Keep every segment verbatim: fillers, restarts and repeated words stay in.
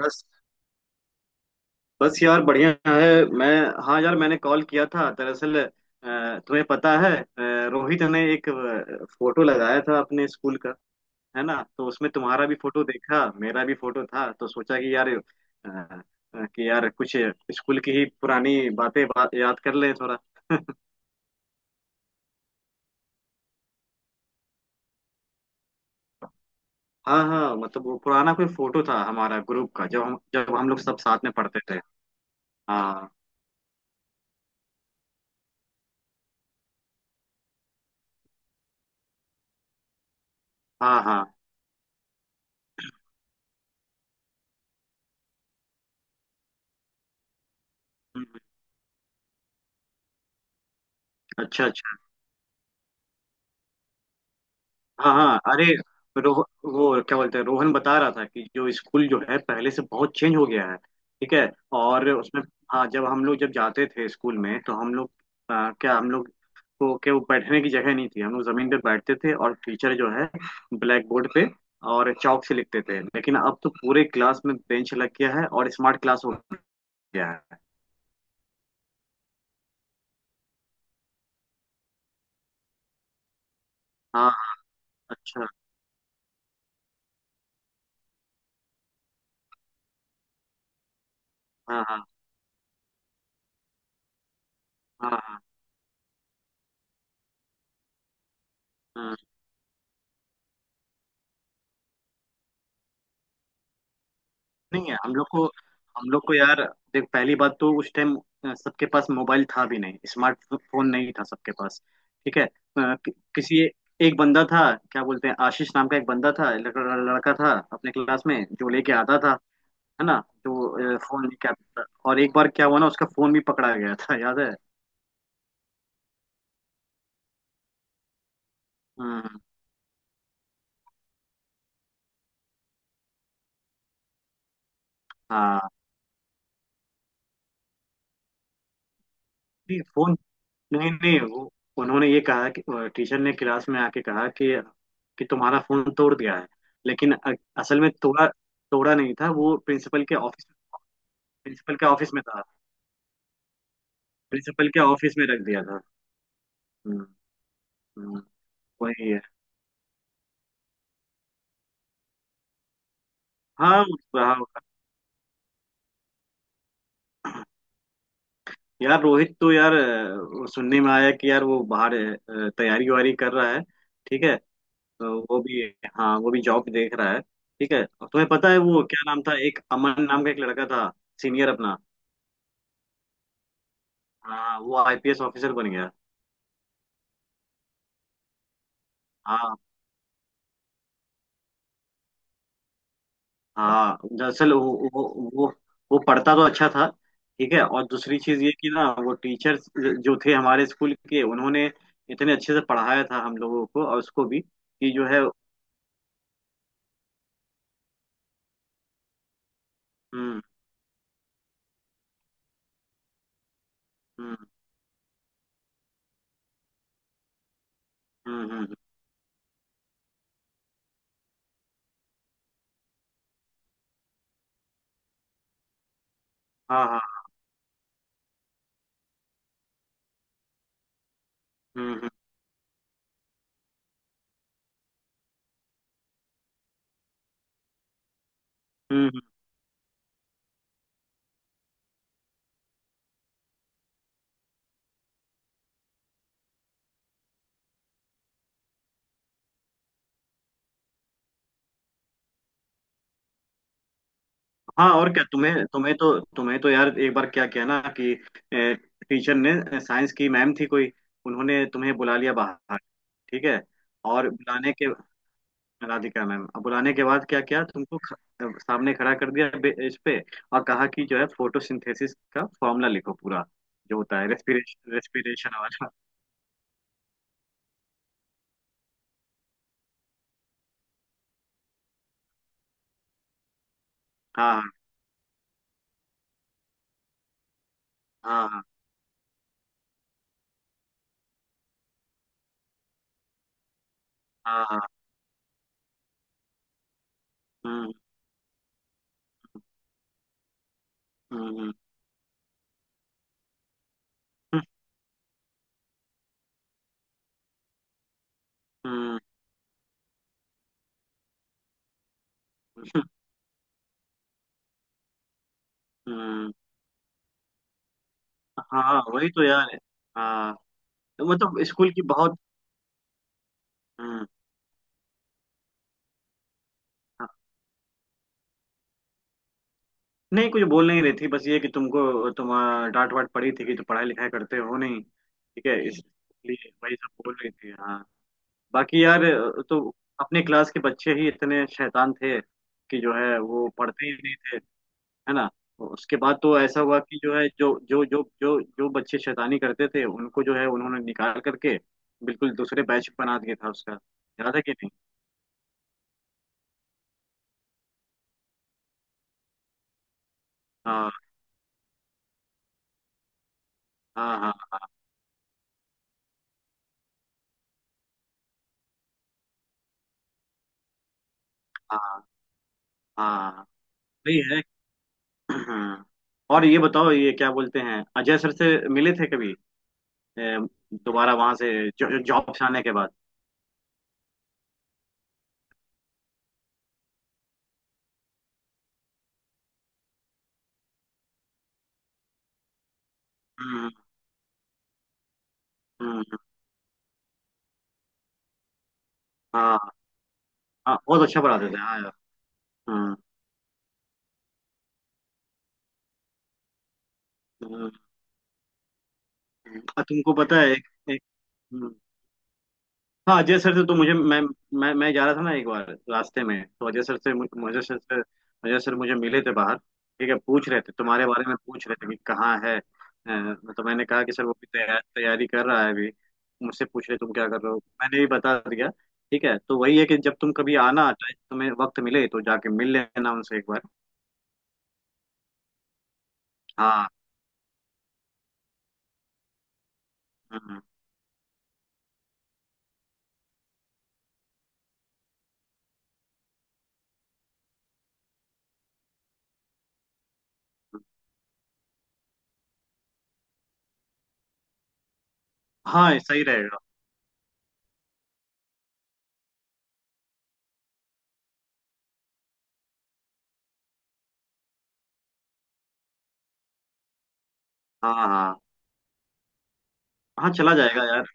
बस बस यार, बढ़िया है मैं। हाँ यार, मैंने कॉल किया था दरअसल अ, तुम्हें पता है, अ, रोहित ने एक अ, फोटो लगाया था अपने स्कूल का, है ना? तो उसमें तुम्हारा भी फोटो देखा, मेरा भी फोटो था, तो सोचा कि यार अ, अ, कि यार कुछ स्कूल की ही पुरानी बातें बा, याद कर लें थोड़ा। हाँ हाँ, मतलब वो पुराना कोई फोटो था हमारा ग्रुप का, जब हम जब हम लोग सब साथ में पढ़ते थे। हाँ हाँ हाँ। हम्म, अच्छा अच्छा। हाँ हाँ, अरे रोह वो क्या बोलते हैं, रोहन बता रहा था कि जो स्कूल जो है पहले से बहुत चेंज हो गया है। ठीक है। और उसमें हाँ, जब हम लोग जब जाते थे स्कूल में तो हम लोग, आ, क्या हम लोग को क्या, वो बैठने की जगह नहीं थी, हम लोग जमीन पे बैठते थे और टीचर जो है ब्लैक बोर्ड पे और चौक से लिखते थे, लेकिन अब तो पूरे क्लास में बेंच लग गया है और स्मार्ट क्लास हो गया है। हाँ अच्छा। हाँ हाँ हाँ हाँ हाँ। नहीं है हम लोग को हम लोग को यार, देख पहली बात तो उस टाइम सबके पास मोबाइल था भी नहीं, स्मार्टफोन नहीं था सबके पास। ठीक है अ, कि, किसी, एक बंदा था, क्या बोलते हैं, आशीष नाम का एक बंदा था, लड़- लड़का था अपने क्लास में जो लेके आता था, है ना? जो अ, फोन लेके आता था, और एक बार क्या हुआ ना, उसका फोन भी पकड़ा गया था, याद है? हम्म। हाँ नहीं, फोन नहीं नहीं, वो उन्होंने ये कहा कि, टीचर ने क्लास में आके कहा कि कि तुम्हारा फोन तोड़ दिया है, लेकिन अ- असल में तोड़ा तोड़ा नहीं था वो, प्रिंसिपल के ऑफिस, प्रिंसिपल के ऑफिस में था, प्रिंसिपल के ऑफिस में रख दिया था। हम्म हम्म, वही है। हाँ हाँ, यार रोहित तो यार अ, वो सुनने में आया कि यार वो बाहर अ, तैयारी वारी कर रहा है। ठीक है तो वो भी, हाँ वो भी जॉब देख रहा है। ठीक है, और तुम्हें पता है वो क्या नाम था, एक अमन नाम का एक लड़का था सीनियर अपना, हाँ वो आईपीएस ऑफिसर बन गया। हाँ हाँ, दरअसल वो वो वो वो पढ़ता तो अच्छा था। ठीक है, और दूसरी चीज ये कि ना वो टीचर्स जो थे हमारे स्कूल के, उन्होंने इतने अच्छे से पढ़ाया था हम लोगों को और उसको भी कि जो है। हम्म हम्म हम्म हम्म, हाँ हाँ हम्म हम्म हम्म, हम्म, हाँ और क्या, तुम्हें तुम्हें तो तुम्हें तो यार एक बार क्या किया ना कि ए, टीचर ने, साइंस की मैम थी कोई, उन्होंने तुम्हें बुला लिया बाहर। ठीक है, और बुलाने के, राधिका मैम, अब बुलाने के बाद क्या किया तुमको, ख, सामने खड़ा कर दिया बेंच पे और कहा कि जो है फोटोसिंथेसिस का फॉर्मूला लिखो पूरा, जो होता है रेस्पिरेशन, रेस्पिरेशन वाला। हाँ हाँ हाँ हाँ हाँ हम्म हम्म हम्म हम्म, हम्म, हाँ वही तो यार। हाँ, तो मतलब स्कूल की बहुत। हम्म, हाँ। नहीं, कुछ बोल नहीं रही थी, बस ये कि तुमको तुम अ, डांट वाट पड़ी थी कि तुम पढ़ाई लिखाई करते हो नहीं, ठीक है, इसलिए वही सब बोल रही थी, हाँ। बाकी यार, तो अपने क्लास के बच्चे ही इतने शैतान थे कि जो है वो पढ़ते ही नहीं थे, है ना? उसके बाद तो ऐसा हुआ कि जो है जो जो जो जो जो बच्चे शैतानी करते थे, उनको जो है उन्होंने निकाल करके बिल्कुल दूसरे बैच बना दिया था उसका, याद है कि नहीं? हाँ हाँ हाँ हाँ हाँ हाँ, वही है। हाँ। और ये बताओ, ये क्या बोलते हैं, अजय सर से मिले थे कभी अ, दोबारा, वहां से जॉब से आने के बाद? हम्म हम्म, हम्म, हाँ हाँ, बहुत अच्छा पढ़ाते थे हाँ। हाँ हाँ, और तुमको पता है एक, एक, हम्म, हाँ अजय सर से तो मुझे मैं मैं मैं जा रहा था ना एक बार रास्ते में, तो अजय सर से मु- मुझे सर से, अजय सर मुझे मिले थे बाहर। ठीक है, पूछ रहे थे, तुम्हारे बारे में पूछ रहे थे कि कहाँ है अ, तो मैंने कहा कि सर वो भी तैयार तैयारी कर रहा है अभी। मुझसे पूछ रहे तुम क्या कर रहे हो, मैंने भी बता दिया। ठीक है, तो वही है कि जब तुम कभी आना, टाइम तुम्हें वक्त मिले तो जाके मिल लेना उनसे एक बार। हाँ हम्म, हम्म, हाँ हाँ, सही रहेगा। हाँ हाँ हाँ, चला जाएगा यार।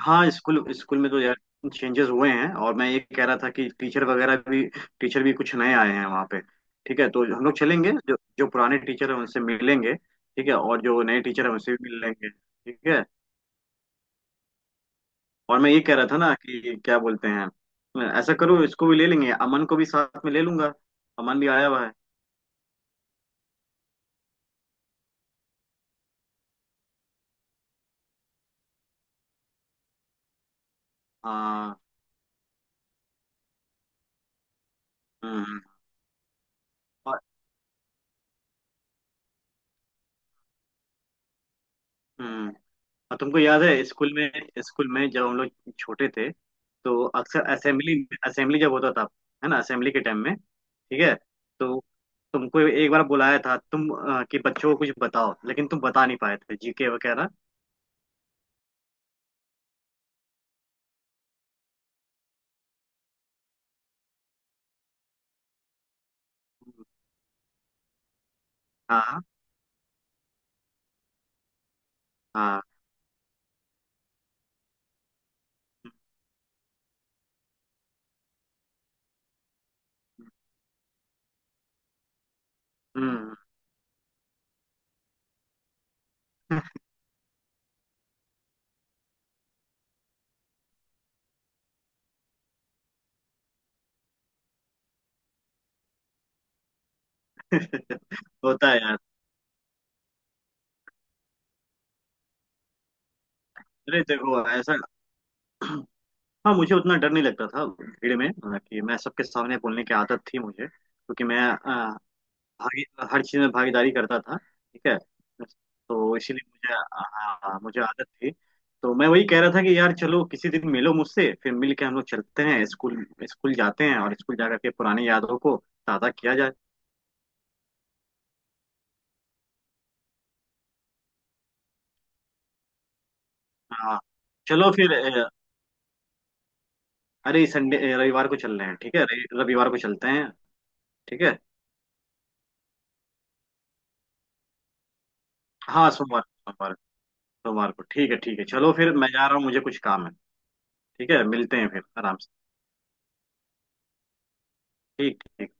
हाँ, स्कूल स्कूल में तो यार चेंजेस हुए हैं, और मैं ये कह रहा था कि टीचर वगैरह भी, टीचर भी कुछ नए आए हैं वहाँ पे, ठीक है, तो हम लोग चलेंगे, जो जो पुराने टीचर हैं उनसे मिलेंगे, ठीक है, और जो नए टीचर हैं उनसे भी मिल लेंगे, ठीक है। और मैं ये कह रहा था ना कि क्या बोलते हैं, ऐसा करो, इसको भी ले लेंगे, अमन को भी साथ में ले लूंगा, अमन भी आया हुआ है। हाँ हम्म, और, हम्म, और तुमको याद है स्कूल में, स्कूल में जब हम लोग छोटे थे तो अक्सर असेंबली असेंबली जब होता था, है ना? असेंबली के टाइम में, ठीक है, तो तुमको एक बार बुलाया था, तुम अ, कि बच्चों को कुछ बताओ, लेकिन तुम बता नहीं पाए थे जीके वगैरह। हाँ हाँ हाँ, हम्म। होता है यार। अरे देखो ऐसा, हाँ मुझे उतना डर नहीं लगता था भीड़ में कि, मैं सबके सामने बोलने की आदत थी मुझे, क्योंकि मैं भागी हर चीज में भागीदारी करता था, ठीक है, तो इसीलिए मुझे, हाँ मुझे आदत थी। तो मैं वही कह रहा था कि यार चलो किसी दिन मिलो मुझसे, फिर मिल के हम लोग चलते हैं स्कूल, स्कूल जाते हैं और स्कूल जाकर के पुरानी यादों को ताज़ा किया जाए। हाँ चलो फिर अ, अरे संडे, अ, रविवार को चल रहे हैं, ठीक है, रवि- रविवार को चलते हैं, ठीक है। हाँ सोमवार, सोमवार सोमवार को, ठीक है, ठीक है, चलो फिर मैं जा रहा हूँ, मुझे कुछ काम है, ठीक है, मिलते हैं फिर आराम से, ठीक ठीक।